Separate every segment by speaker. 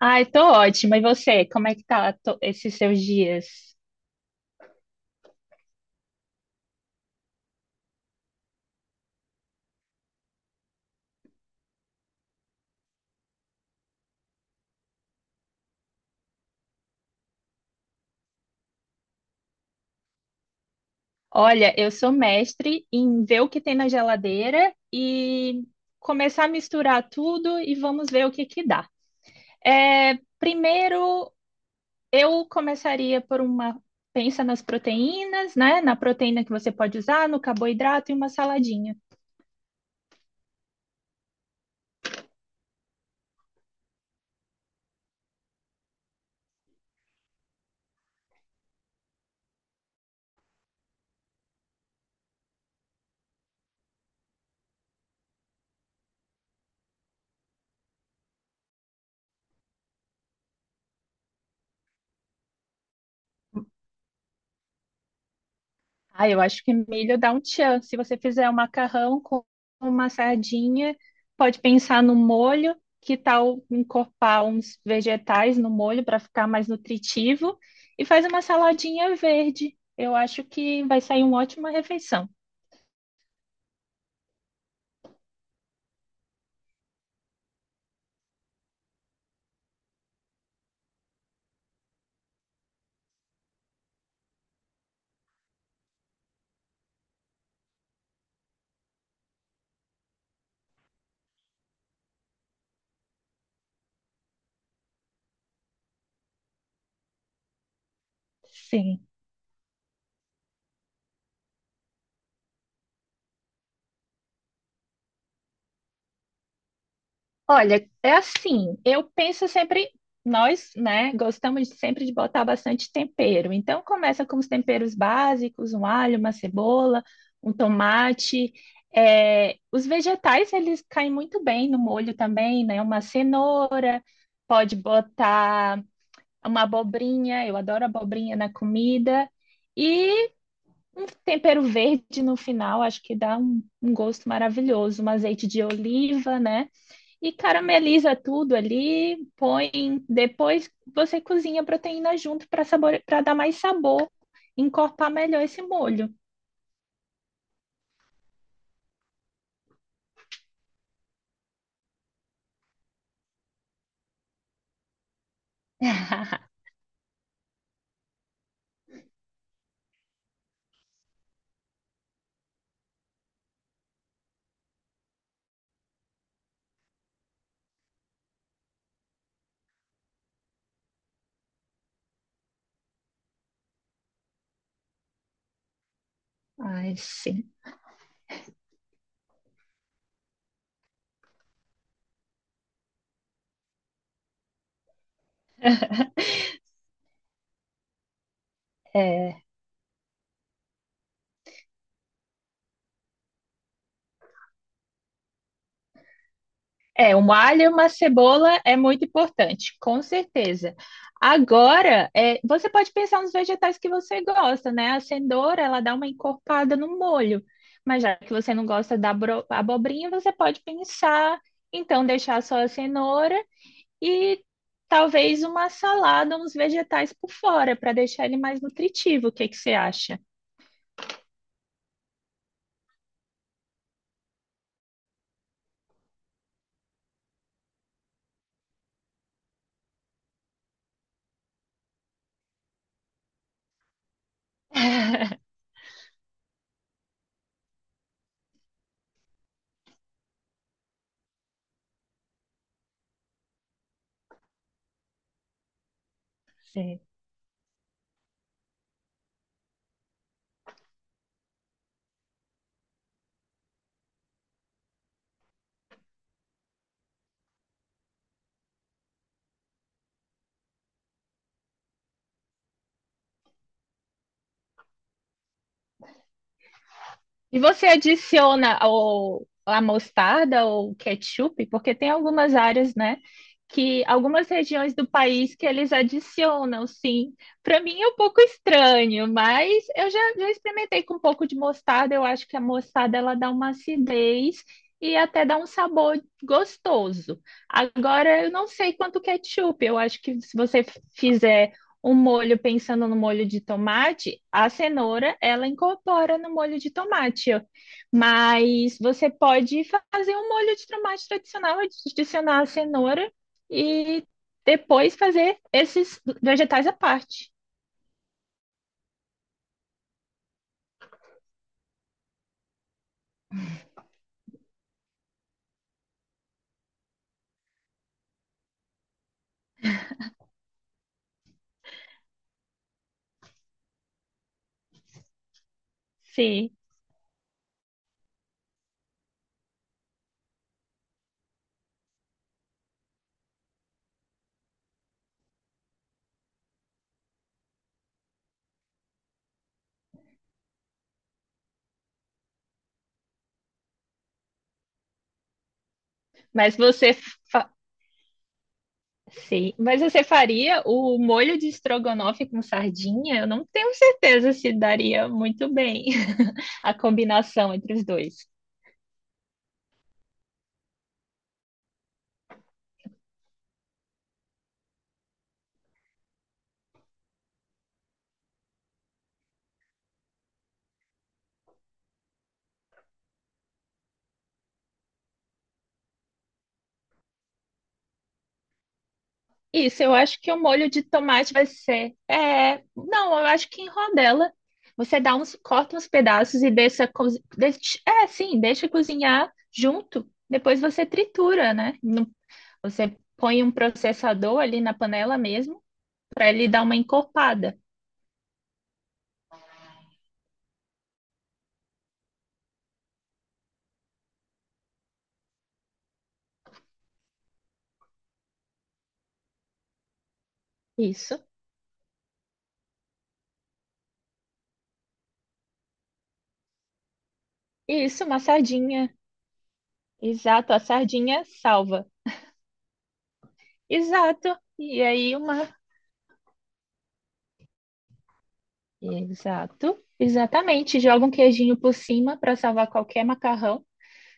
Speaker 1: Ai, tô ótima. E você, como é que tá esses seus dias? Olha, eu sou mestre em ver o que tem na geladeira e começar a misturar tudo e vamos ver o que que dá. É, primeiro, eu começaria por uma, pensa nas proteínas, né? Na proteína que você pode usar, no carboidrato e uma saladinha. Ah, eu acho que milho dá um tchan. Se você fizer um macarrão com uma sardinha, pode pensar no molho, que tal encorpar uns vegetais no molho para ficar mais nutritivo e faz uma saladinha verde. Eu acho que vai sair uma ótima refeição. Sim. Olha, é assim, eu penso sempre, nós, né, sempre de botar bastante tempero. Então, começa com os temperos básicos, um alho, uma cebola, um tomate. É, os vegetais, eles caem muito bem no molho também, né? Uma cenoura, pode botar uma abobrinha, eu adoro abobrinha na comida. E um tempero verde no final, acho que dá um gosto maravilhoso. Um azeite de oliva, né? E carameliza tudo ali, põe. Depois você cozinha a proteína junto para sabor, para dar mais sabor, encorpar melhor esse molho. Ai, sim. É, um alho e uma cebola é muito importante, com certeza. Agora, é, você pode pensar nos vegetais que você gosta, né? A cenoura, ela dá uma encorpada no molho. Mas já que você não gosta da abobrinha, você pode pensar, então, deixar só a cenoura e talvez uma salada, uns vegetais por fora, para deixar ele mais nutritivo. O que que você acha? E você adiciona a mostarda ou ketchup, porque tem algumas áreas, né, que algumas regiões do país que eles adicionam, sim. Para mim é um pouco estranho, mas eu já experimentei com um pouco de mostarda. Eu acho que a mostarda ela dá uma acidez e até dá um sabor gostoso. Agora eu não sei quanto ketchup. Eu acho que se você fizer o molho, pensando no molho de tomate, a cenoura ela incorpora no molho de tomate, ó. Mas você pode fazer um molho de tomate tradicional, adicionar a cenoura e depois fazer esses vegetais à parte. Sim, mas você fa- Sim, mas você faria o molho de estrogonofe com sardinha? Eu não tenho certeza se daria muito bem a combinação entre os dois. Isso, eu acho que o molho de tomate vai ser. É, não, eu acho que em rodela. Você dá uns, corta uns pedaços e deixa, é, sim, deixa cozinhar junto. Depois você tritura, né? Não. Você põe um processador ali na panela mesmo para ele dar uma encorpada. Isso. Isso, uma sardinha. Exato, a sardinha salva. Exato. E aí uma. Exato. Exatamente. Joga um queijinho por cima para salvar qualquer macarrão.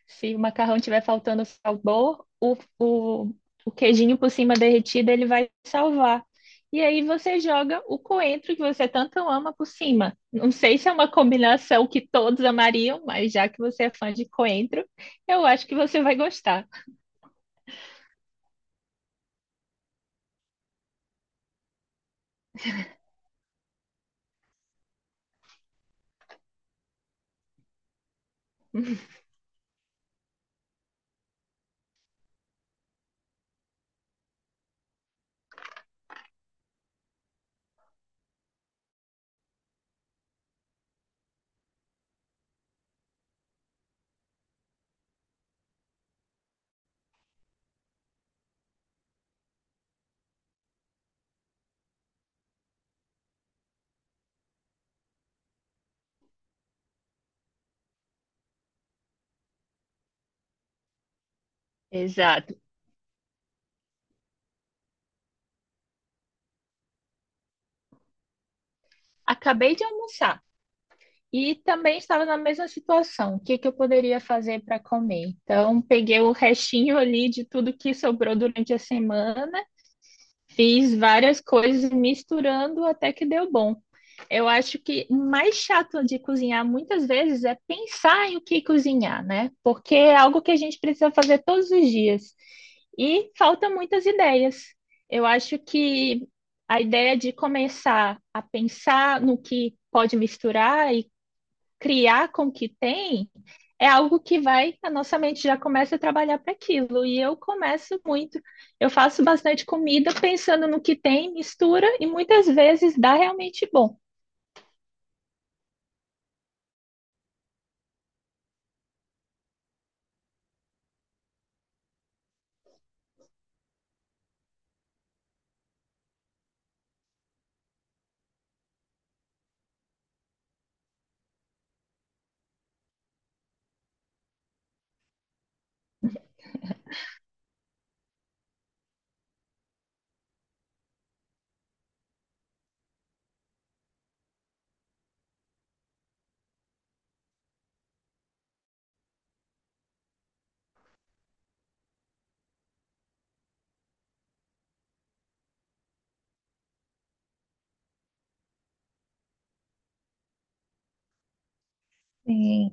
Speaker 1: Se o macarrão tiver faltando sabor, o queijinho por cima derretido ele vai salvar. E aí você joga o coentro que você tanto ama por cima. Não sei se é uma combinação que todos amariam, mas já que você é fã de coentro, eu acho que você vai gostar. Exato. Acabei de almoçar e também estava na mesma situação. O que que eu poderia fazer para comer? Então, peguei o restinho ali de tudo que sobrou durante a semana. Fiz várias coisas misturando até que deu bom. Eu acho que o mais chato de cozinhar muitas vezes é pensar em o que cozinhar, né? Porque é algo que a gente precisa fazer todos os dias. E faltam muitas ideias. Eu acho que a ideia de começar a pensar no que pode misturar e criar com o que tem é algo que vai, a nossa mente já começa a trabalhar para aquilo. E eu começo muito, eu faço bastante comida pensando no que tem, mistura e muitas vezes dá realmente bom. Sim.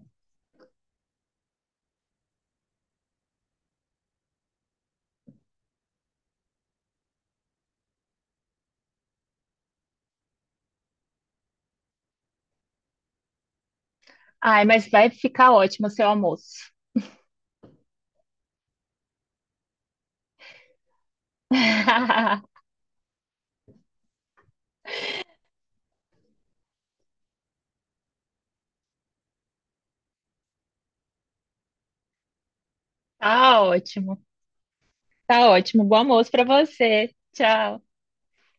Speaker 1: Ai, mas vai ficar ótimo o seu almoço. Tá ótimo, tá ótimo. Bom almoço para você. Tchau.